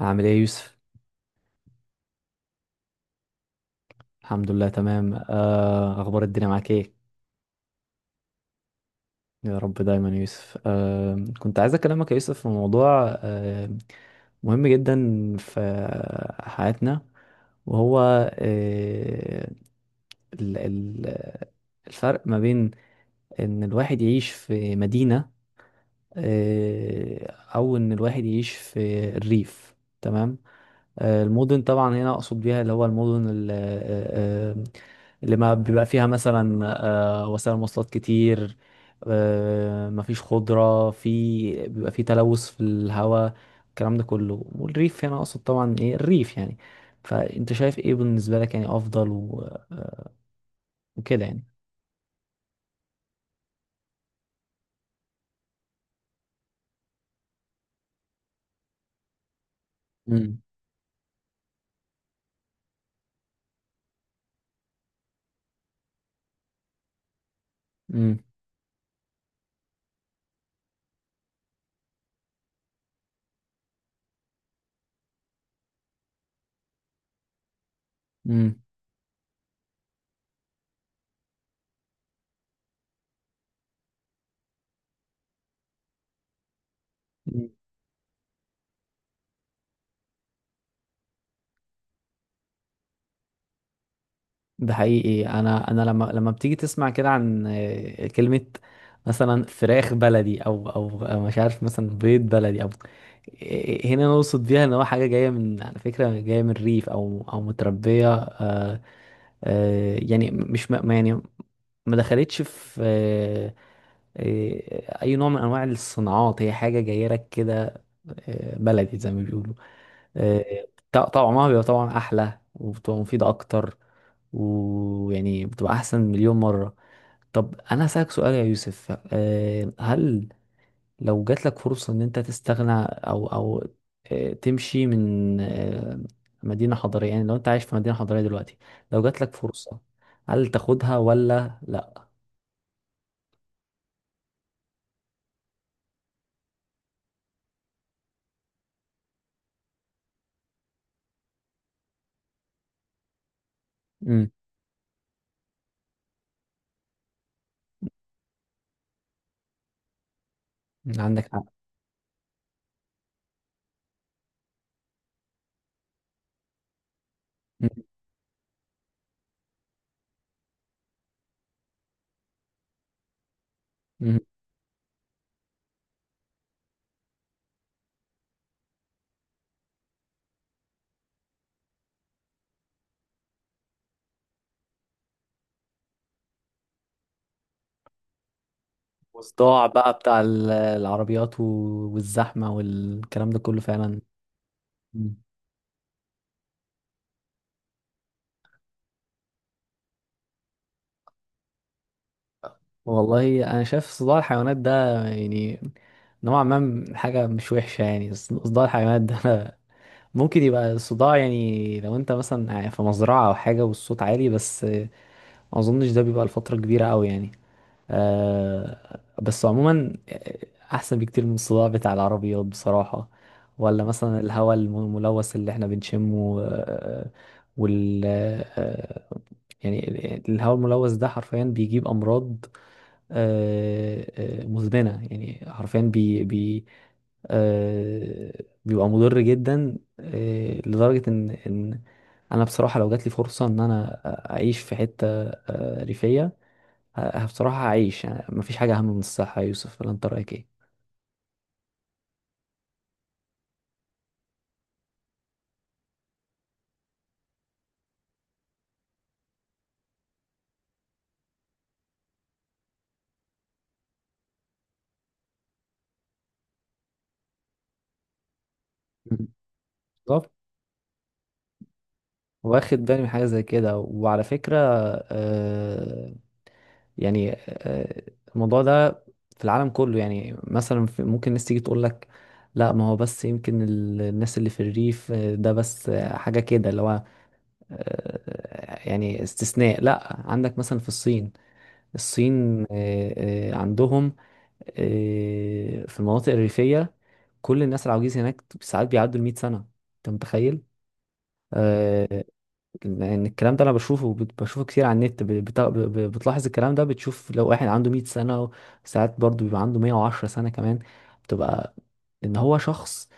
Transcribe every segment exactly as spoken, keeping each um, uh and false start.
عامل ايه يا يوسف؟ الحمد لله تمام. آه، اخبار الدنيا معاك ايه؟ يا رب دايما يا يوسف. آه، كنت عايز اكلمك يا يوسف في موضوع آه، مهم جدا في حياتنا، وهو آه، ال- ال- الفرق ما بين ان الواحد يعيش في مدينة، آه، او ان الواحد يعيش في الريف، تمام. آه، المدن طبعا هنا اقصد بيها اللي هو المدن ال- آه، آه، اللي ما بيبقى فيها مثلا آه، وسائل مواصلات كتير، آه، مفيش خضرة، في بيبقى في تلوث في الهواء، الكلام ده كله. والريف هنا اقصد طبعا ايه الريف، يعني فانت شايف ايه بالنسبة لك، يعني افضل و- وكده يعني؟ امم، امم. ده حقيقي، انا انا لما لما بتيجي تسمع كده عن آه، كلمه مثلا فراخ بلدي، او او أو مش عارف مثلا بيض بلدي او، آه، هنا نقصد بيها ان هو حاجه جايه، من على فكره جايه من الريف او او متربيه، آه، آه، يعني مش ما ما- يعني ما دخلتش في آه، آه، اي نوع من انواع الصناعات، هي حاجه جايه لك كده، آه، بلدي زي ما بيقولوا. آه، ط- طعمها بيبقى طبعا احلى، وبتبقى مفيده اكتر، ويعني بتبقى احسن مليون مره. طب انا هسألك سؤال يا يوسف، آه، هل لو جات لك فرصة ان انت تستغنى، او او آه، تمشي من آه، مدينة حضرية، يعني لو انت عايش في مدينة حضرية دلوقتي، لو جات لك فرصة، هل تاخدها ولا لا؟ امم. عندك حق. مم. مم. والصداع بقى بتاع ال- العربيات، و- والزحمة والكلام ده كله فعلا. مم. والله انا شايف صداع الحيوانات ده، يعني نوعا ما حاجة مش وحشة، يعني صداع الحيوانات ده. ممكن يبقى الصداع، يعني لو انت مثلا في مزرعة او حاجة والصوت عالي، بس ما اظنش ده بيبقى لفترة كبيرة قوي يعني. آه بس عموما، آه، احسن بكتير من الصداع بتاع العربيات بصراحة، ولا مثلا الهواء الملوث اللي احنا بنشمه، آه، وال آه، يعني ال- الهواء الملوث ده حرفيا بيجيب امراض آه، آه، مزمنة، يعني حرفيا بي بي آه، بيبقى مضر جدا، آه، لدرجة إن إن أنا بصراحة، لو جاتلي فرصة إن أنا أعيش في حتة آه، ريفية، ه- بصراحة هعيش. يعني مفيش حاجة أهم من الصحة يا يوسف، ولا أنت رأيك إيه؟ مم. بالظبط. واخد بالي من حاجة زي كده. وعلى فكرة، آه، يعني آه، الموضوع ده في العالم كله، يعني مثلا في- ممكن الناس تيجي تقول لك، لا، ما هو بس يمكن ال- الناس اللي في الريف، آه، ده بس، آه، حاجة كده اللي هو، آه، يعني استثناء. لا، عندك مثلا في الصين. الصين آه، آه، عندهم آه، في المناطق الريفية، كل الناس العواجيز هناك ساعات بيعدوا المئة سنة. انت متخيل؟ آه، لان الكلام ده انا بشوفه بت- بشوفه كتير على النت، ب- بت- ب- ب- بتلاحظ الكلام ده، بتشوف لو واحد عنده 100 سنة، ساعات برضو بيبقى عنده 110 سنة كمان. بتبقى ان هو شخص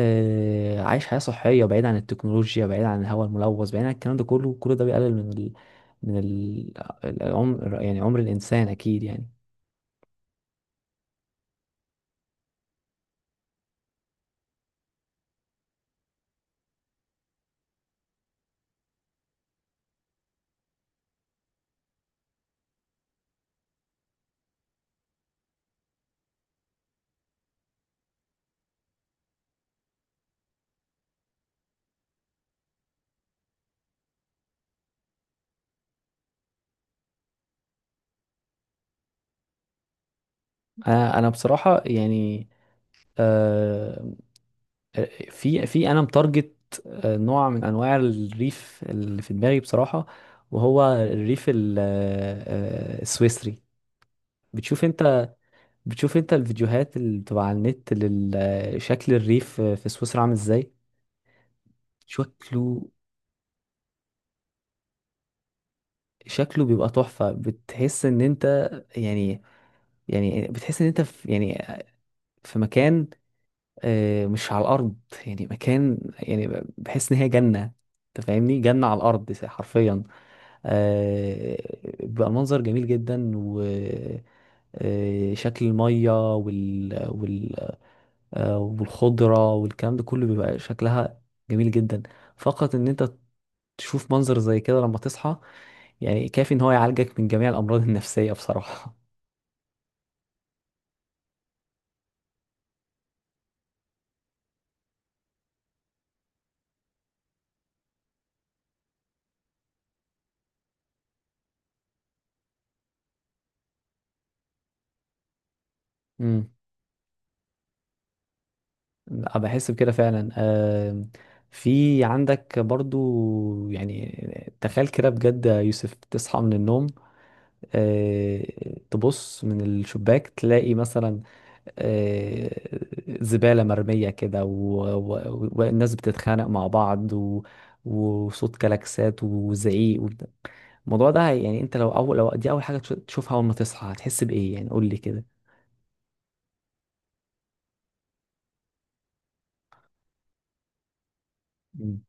آه، عايش حياة صحية، بعيد عن التكنولوجيا، بعيد عن الهواء الملوث، بعيد عن الكلام ده كله. كل ده بيقلل من ال... من ال... العمر، يعني عمر الإنسان أكيد، يعني. أنا أنا بصراحة يعني، آه، في في أنا متارجت آه، نوع من أنواع الريف اللي في دماغي بصراحة، وهو الريف ال- آه، آه، السويسري. بتشوف انت بتشوف انت الفيديوهات اللي بتبقى على النت، لشكل الريف في سويسرا عامل ازاي. شكله، شكله بيبقى تحفة. بتحس ان انت، يعني، يعني بتحس ان انت في، يعني، في مكان آه، مش على الارض، يعني مكان، يعني بحس ان هي جنة. انت فاهمني، جنة على الارض حرفيا. آه، بيبقى المنظر جميل جدا، و آه، شكل المية وال... وال... آه، والخضرة والكلام ده كله بيبقى شكلها جميل جدا. فقط ان انت تشوف منظر زي كده لما تصحى، يعني كافي ان هو يعالجك من جميع الامراض النفسية بصراحة. امم. بحس بكده فعلا. آم، في عندك برضو، يعني تخيل كده بجد يا يوسف، تصحى من النوم، آه، تبص من الشباك تلاقي مثلا آه، زبالة مرمية كده و- و- والناس بتتخانق مع بعض، و- وصوت كلاكسات وزعيق وبتاع. الموضوع ده، يعني انت لو اول، لو دي اول حاجة تشوفها اول ما تصحى، هتحس بإيه يعني؟ قول لي كده. مم.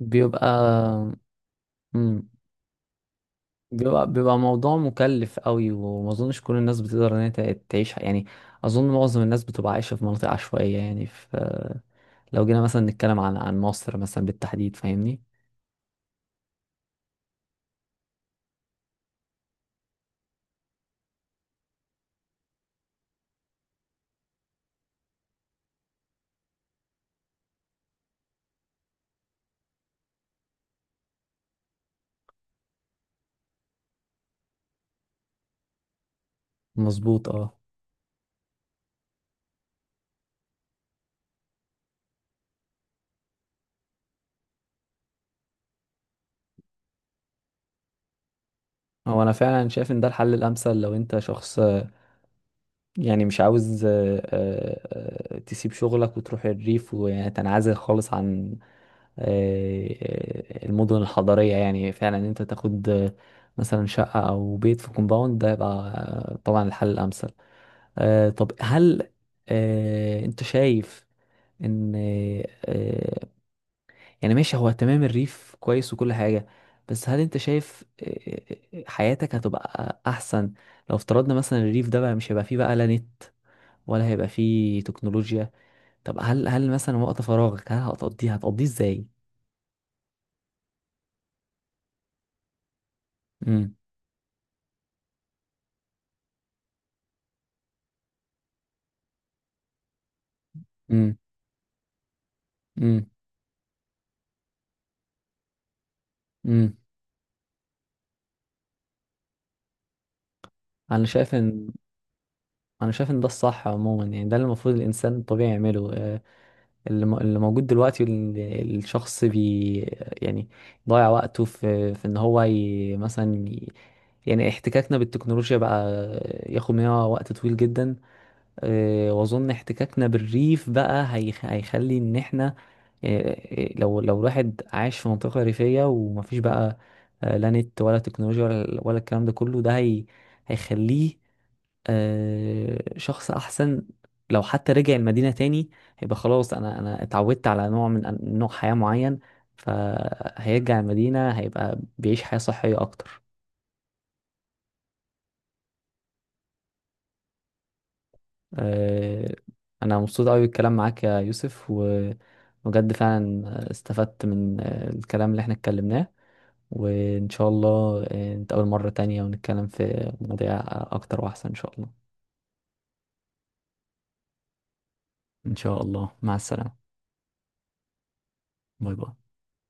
بيبقى. مم. بيبقى بيبقى موضوع مكلف قوي، وما اظنش كل الناس بتقدر ان هي تع- تعيش يعني. اظن معظم الناس بتبقى عايشه في مناطق عشوائيه، يعني في. لو جينا مثلا نتكلم عن عن مصر مثلا بالتحديد، فاهمني. مظبوط، اه. هو انا فعلا شايف ان ده الحل الامثل، لو انت شخص آه، يعني مش عاوز آه، آه، آه، تسيب شغلك وتروح الريف، ويعني تنعزل خالص عن آه، آه، المدن الحضريه. يعني فعلا ان انت تاخد آه، مثلا شقه او بيت في كومباوند، ده يبقى آه، طبعا الحل الامثل. آه طب هل، آه انت شايف ان، آه يعني ماشي هو، تمام الريف كويس وكل حاجة. بس هل انت شايف، آه آه، حياتك هتبقى احسن لو افترضنا مثلا الريف ده بقى مش هيبقى فيه بقى لا نت ولا هيبقى فيه تكنولوجيا؟ طب هل هل مثلا وقت فراغك، هل هتقضيه هتقضيه ازاي؟ امم، امم، امم، امم. انا شايف ان انا شايف ان ده الصح عموما، يعني ده اللي المفروض الانسان الطبيعي يعمله. آه، اللي م- اللي موجود دلوقتي، ال- الشخص بي، يعني ضيع وقته في في ان هو ي... مثلا ي... يعني احتكاكنا بالتكنولوجيا بقى ياخد مننا وقت طويل جدا. آه، واظن احتكاكنا بالريف بقى هيخ... هيخلي ان احنا، آه، آه، لو لو الواحد عايش في منطقة ريفية ومفيش بقى آه، لا نت ولا تكنولوجيا ولا ولا الكلام ده كله، ده هي... هيخليه آه، شخص احسن. لو حتى رجع المدينة تاني، هيبقى خلاص انا انا اتعودت على نوع من أن- نوع حياة معين، فهيرجع المدينة، هيبقى بيعيش حياة صحية اكتر. آه، انا مبسوط قوي بالكلام معاك يا يوسف، وبجد فعلا استفدت من آه، الكلام اللي احنا اتكلمناه، وان شاء الله آه، نتقابل مرة تانية ونتكلم في مواضيع اكتر واحسن ان شاء الله. ان شاء الله، مع السلامة. باي باي.